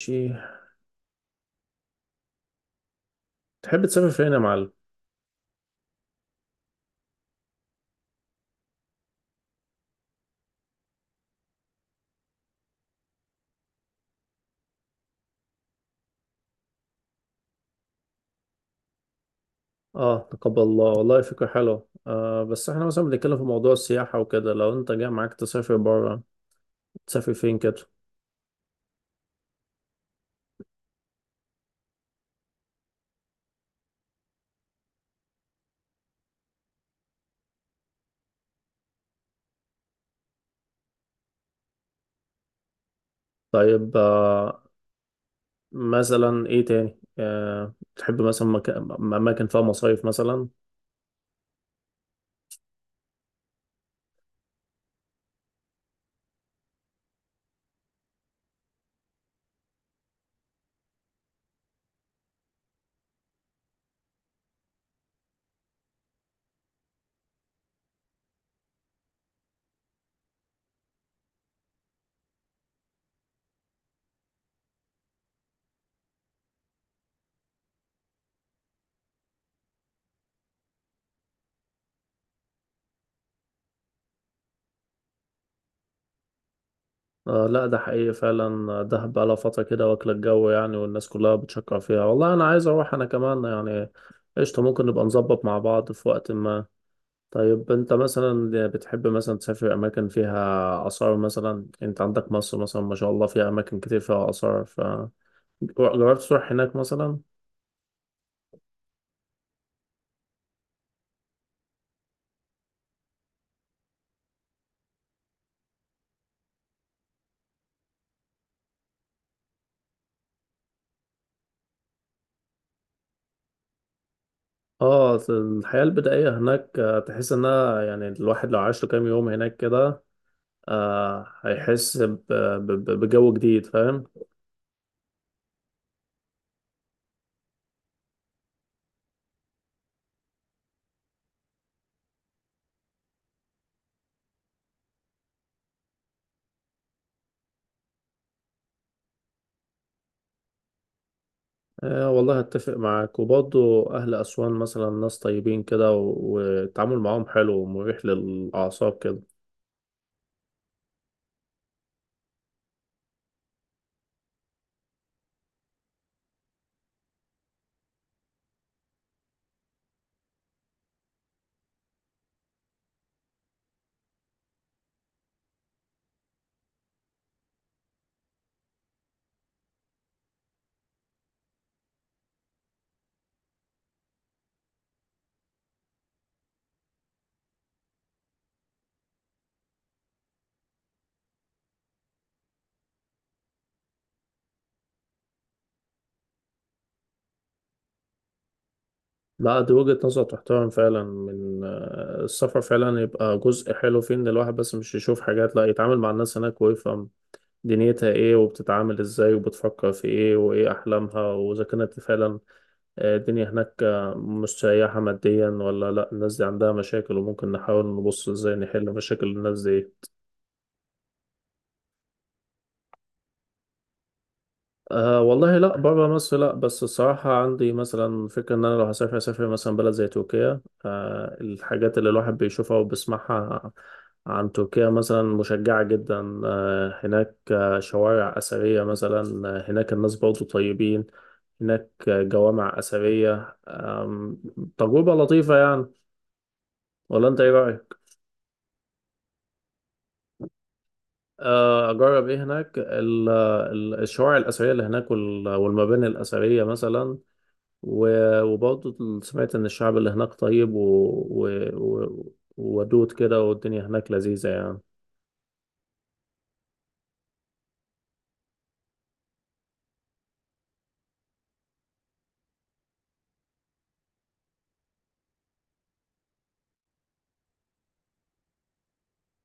شي، تحب تسافر فين يا معلم؟ اه، تقبل الله والله فكرة حلوة. بس احنا مثلا بنتكلم في موضوع السياحة وكده. لو انت جاي معاك تسافر برا، تسافر فين كده؟ طيب، آه، مثلا ايه تاني؟ آه، تحب مثلا أماكن فيها مصايف مثلا؟ آه لا، ده حقيقي فعلا. دهب بقالها فترة كده واكلة الجو يعني، والناس كلها بتشكر فيها. والله أنا عايز أروح أنا كمان يعني. قشطة، ممكن نبقى نظبط مع بعض في وقت ما. طيب، انت مثلا بتحب مثلا تسافر اماكن فيها اثار مثلا؟ انت عندك مصر مثلا، ما شاء الله، فيها اماكن كتير فيها اثار. فجربت تروح هناك مثلا؟ اه الحياة البدائية هناك. تحس انها يعني الواحد لو عاش له كام يوم هناك كده هيحس بجو جديد، فاهم؟ آه والله اتفق معاك. وبرضه اهل اسوان مثلا ناس طيبين كده، والتعامل معاهم حلو ومريح للاعصاب كده. لا، دي وجهة نظر تحترم فعلا. من آه، السفر فعلا يبقى جزء حلو فيه، ان الواحد بس مش يشوف حاجات، لا، يتعامل مع الناس هناك ويفهم دنيتها ايه، وبتتعامل ازاي، وبتفكر في ايه، وايه احلامها، واذا كانت فعلا الدنيا هناك مستريحة ماديا ولا لا. الناس دي عندها مشاكل، وممكن نحاول نبص ازاي نحل مشاكل الناس دي. أه والله لا، بره مصر لا. بس الصراحة عندي مثلا فكرة إن أنا لو هسافر أسافر مثلا بلد زي تركيا. أه، الحاجات اللي الواحد بيشوفها وبيسمعها عن تركيا مثلا مشجعة جدا. أه هناك، آه، شوارع أثرية مثلا، آه، هناك الناس برضو طيبين هناك، آه، جوامع أثرية، تجربة لطيفة يعني. ولا أنت إيه رأيك؟ آه، أجرب إيه هناك؟ الشوارع الأثرية اللي هناك، والمباني الأثرية مثلا، وبرضه سمعت إن الشعب اللي هناك طيب وودود كده، والدنيا هناك لذيذة يعني.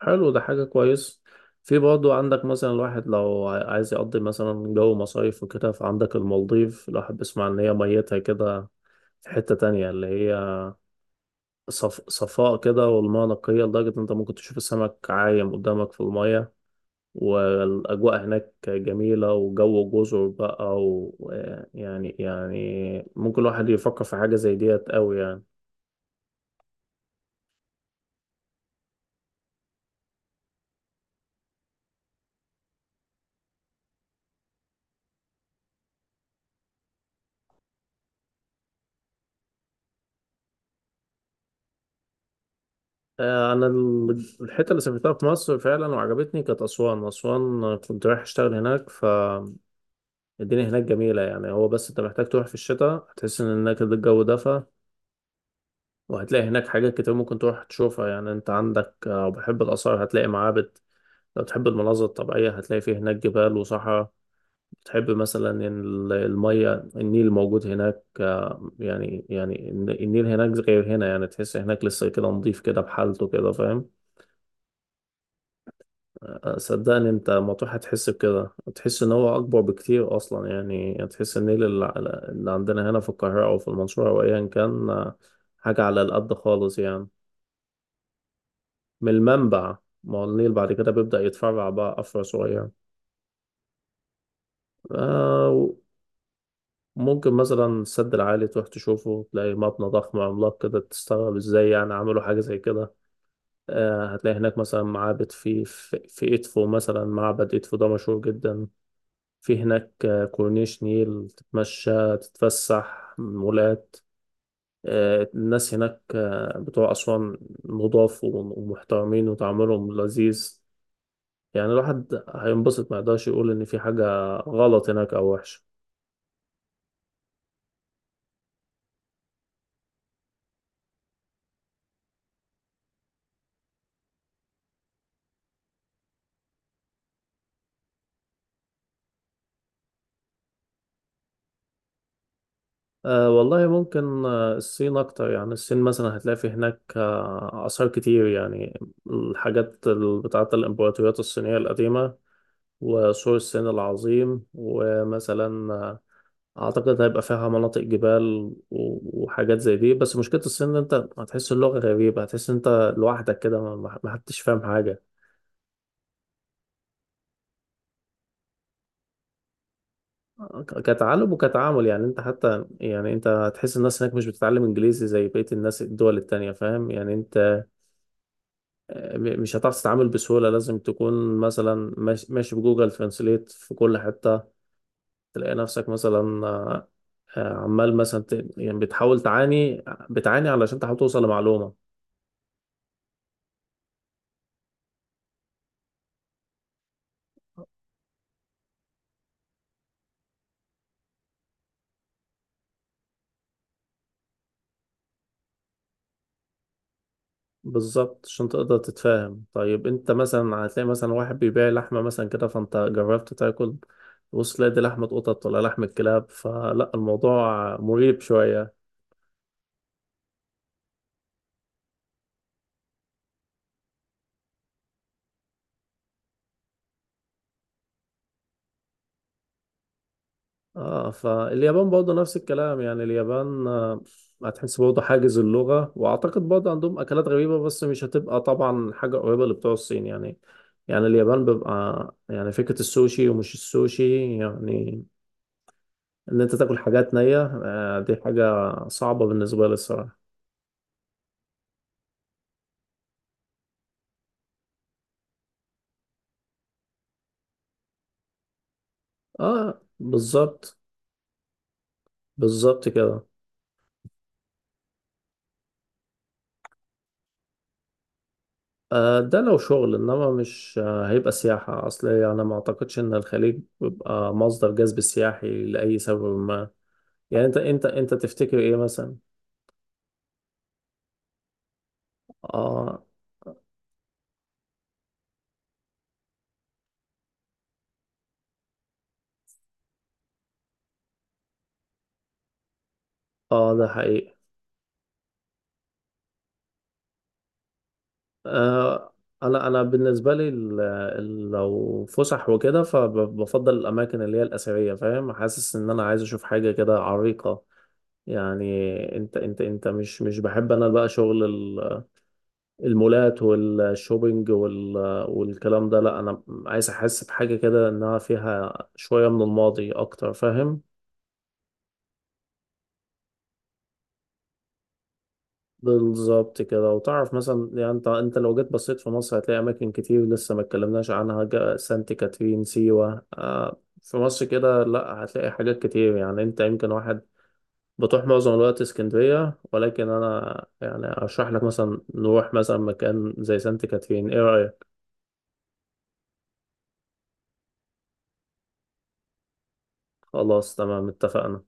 حلو، ده حاجة كويس. في برضه عندك مثلا الواحد لو عايز يقضي مثلا جو مصايف وكده، فعندك المالديف. الواحد بيسمع إن هي ميتها كده في حتة تانية، اللي هي صفاء كده، والمياه نقية لدرجة إن أنت ممكن تشوف السمك عايم قدامك في المية. والأجواء هناك جميلة وجو جزر بقى، ويعني ممكن الواحد يفكر في حاجة زي ديت أوي يعني. آه، أنا الحتة اللي سافرتها في مصر فعلا وعجبتني كانت أسوان. كنت رايح أشتغل هناك، فالدنيا هناك جميلة يعني. هو بس أنت محتاج تروح في الشتاء، هتحس إن هناك الجو دفى، وهتلاقي هناك حاجات كتير ممكن تروح تشوفها. يعني أنت عندك، آه، لو بتحب الآثار هتلاقي معابد، لو تحب المناظر الطبيعية هتلاقي فيه هناك جبال وصحراء، تحب مثلا إن المية النيل موجود هناك. آه، يعني النيل هناك غير هنا يعني، تحس هناك لسه كده نضيف كده بحالته كده، فاهم؟ آه، صدقني انت ما تروح هتحس بكده. تحس ان هو اكبر بكتير اصلا يعني. تحس النيل اللي عندنا هنا في القاهرة او في المنصورة او ايا كان، آه، حاجة على القد خالص يعني. من المنبع. ما هو النيل بعد كده بيبدأ يتفرع بقى أفرع صغير. آه، ممكن مثلا السد العالي تروح تشوفه، تلاقي مبنى ضخم عملاق كده، تستغرب ازاي يعني عملوا حاجة زي كده. آه، هتلاقي هناك مثلا معابد في إدفو مثلا. معبد إدفو ده مشهور جدا. في هناك، آه، كورنيش نيل تتمشى تتفسح، مولات. آه، الناس هناك، آه، بتوع أسوان نضاف ومحترمين، وتعاملهم لذيذ. يعني الواحد هينبسط، ما يقدرش يقول إن في حاجة غلط هناك أو وحشة. أه والله ممكن، آه، الصين أكتر. يعني الصين مثلا هتلاقي في هناك، آه، آثار كتير يعني، الحاجات بتاعة الإمبراطوريات الصينية القديمة، وسور الصين العظيم، ومثلا، آه، أعتقد هيبقى فيها مناطق جبال وحاجات زي دي. بس مشكلة الصين إن أنت هتحس اللغة غريبة، هتحس إن أنت لوحدك كده، ما حدش فاهم حاجة. آه، كتعلم وكتعامل. يعني انت حتى يعني انت هتحس الناس هناك مش بتتعلم انجليزي زي بقية الناس الدول التانية، فاهم؟ يعني انت مش هتعرف تتعامل بسهولة، لازم تكون مثلا ماشي بجوجل ترانسليت في كل حتة. تلاقي نفسك مثلا، آه، آه، عمال مثلا يعني بتحاول بتعاني علشان تحاول توصل لمعلومة. بالظبط، عشان تقدر تتفاهم. طيب انت مثلا هتلاقي مثلا واحد بيبيع لحمة مثلا كده، فانت جربت تاكل، وصل تلاقي دي لحمة قطط ولا لحمة كلاب، فلا، الموضوع مريب شوية. اه، فاليابان برضه نفس الكلام يعني. اليابان، آه، هتحس برضه حاجز اللغة، وأعتقد برضه عندهم أكلات غريبة، بس مش هتبقى طبعا حاجة قريبة لبتوع الصين يعني. يعني اليابان بيبقى يعني فكرة السوشي، ومش السوشي يعني إن أنت تاكل حاجات نية، آه، دي حاجة صعبة بالنسبة لي الصراحة. اه، بالظبط، بالظبط كده. آه، ده لو شغل، انما مش، آه، هيبقى سياحة اصل. يعني ما اعتقدش ان الخليج بيبقى مصدر جذب سياحي لأي سبب ما. يعني انت تفتكر ايه مثلا؟ اه، اه، ده حقيقي. آه، انا بالنسبه لي، لو فسح وكده، فبفضل الاماكن اللي هي الاثريه، فاهم؟ حاسس ان انا عايز اشوف حاجه كده عريقه يعني. انت مش بحب انا بقى شغل المولات والشوبينج والكلام ده. لا، انا عايز احس بحاجه كده، انها فيها شويه من الماضي اكتر، فاهم؟ بالظبط كده. وتعرف مثلا، يعني انت لو جيت بصيت في مصر هتلاقي اماكن كتير لسه ما اتكلمناش عنها. سانت كاترين، سيوة، آه، في مصر كده، لا، هتلاقي حاجات كتير يعني. انت يمكن واحد بتروح معظم الوقت اسكندرية، ولكن انا يعني ارشح لك مثلا نروح مثلا مكان زي سانت كاترين، ايه رأيك؟ خلاص، تمام، اتفقنا.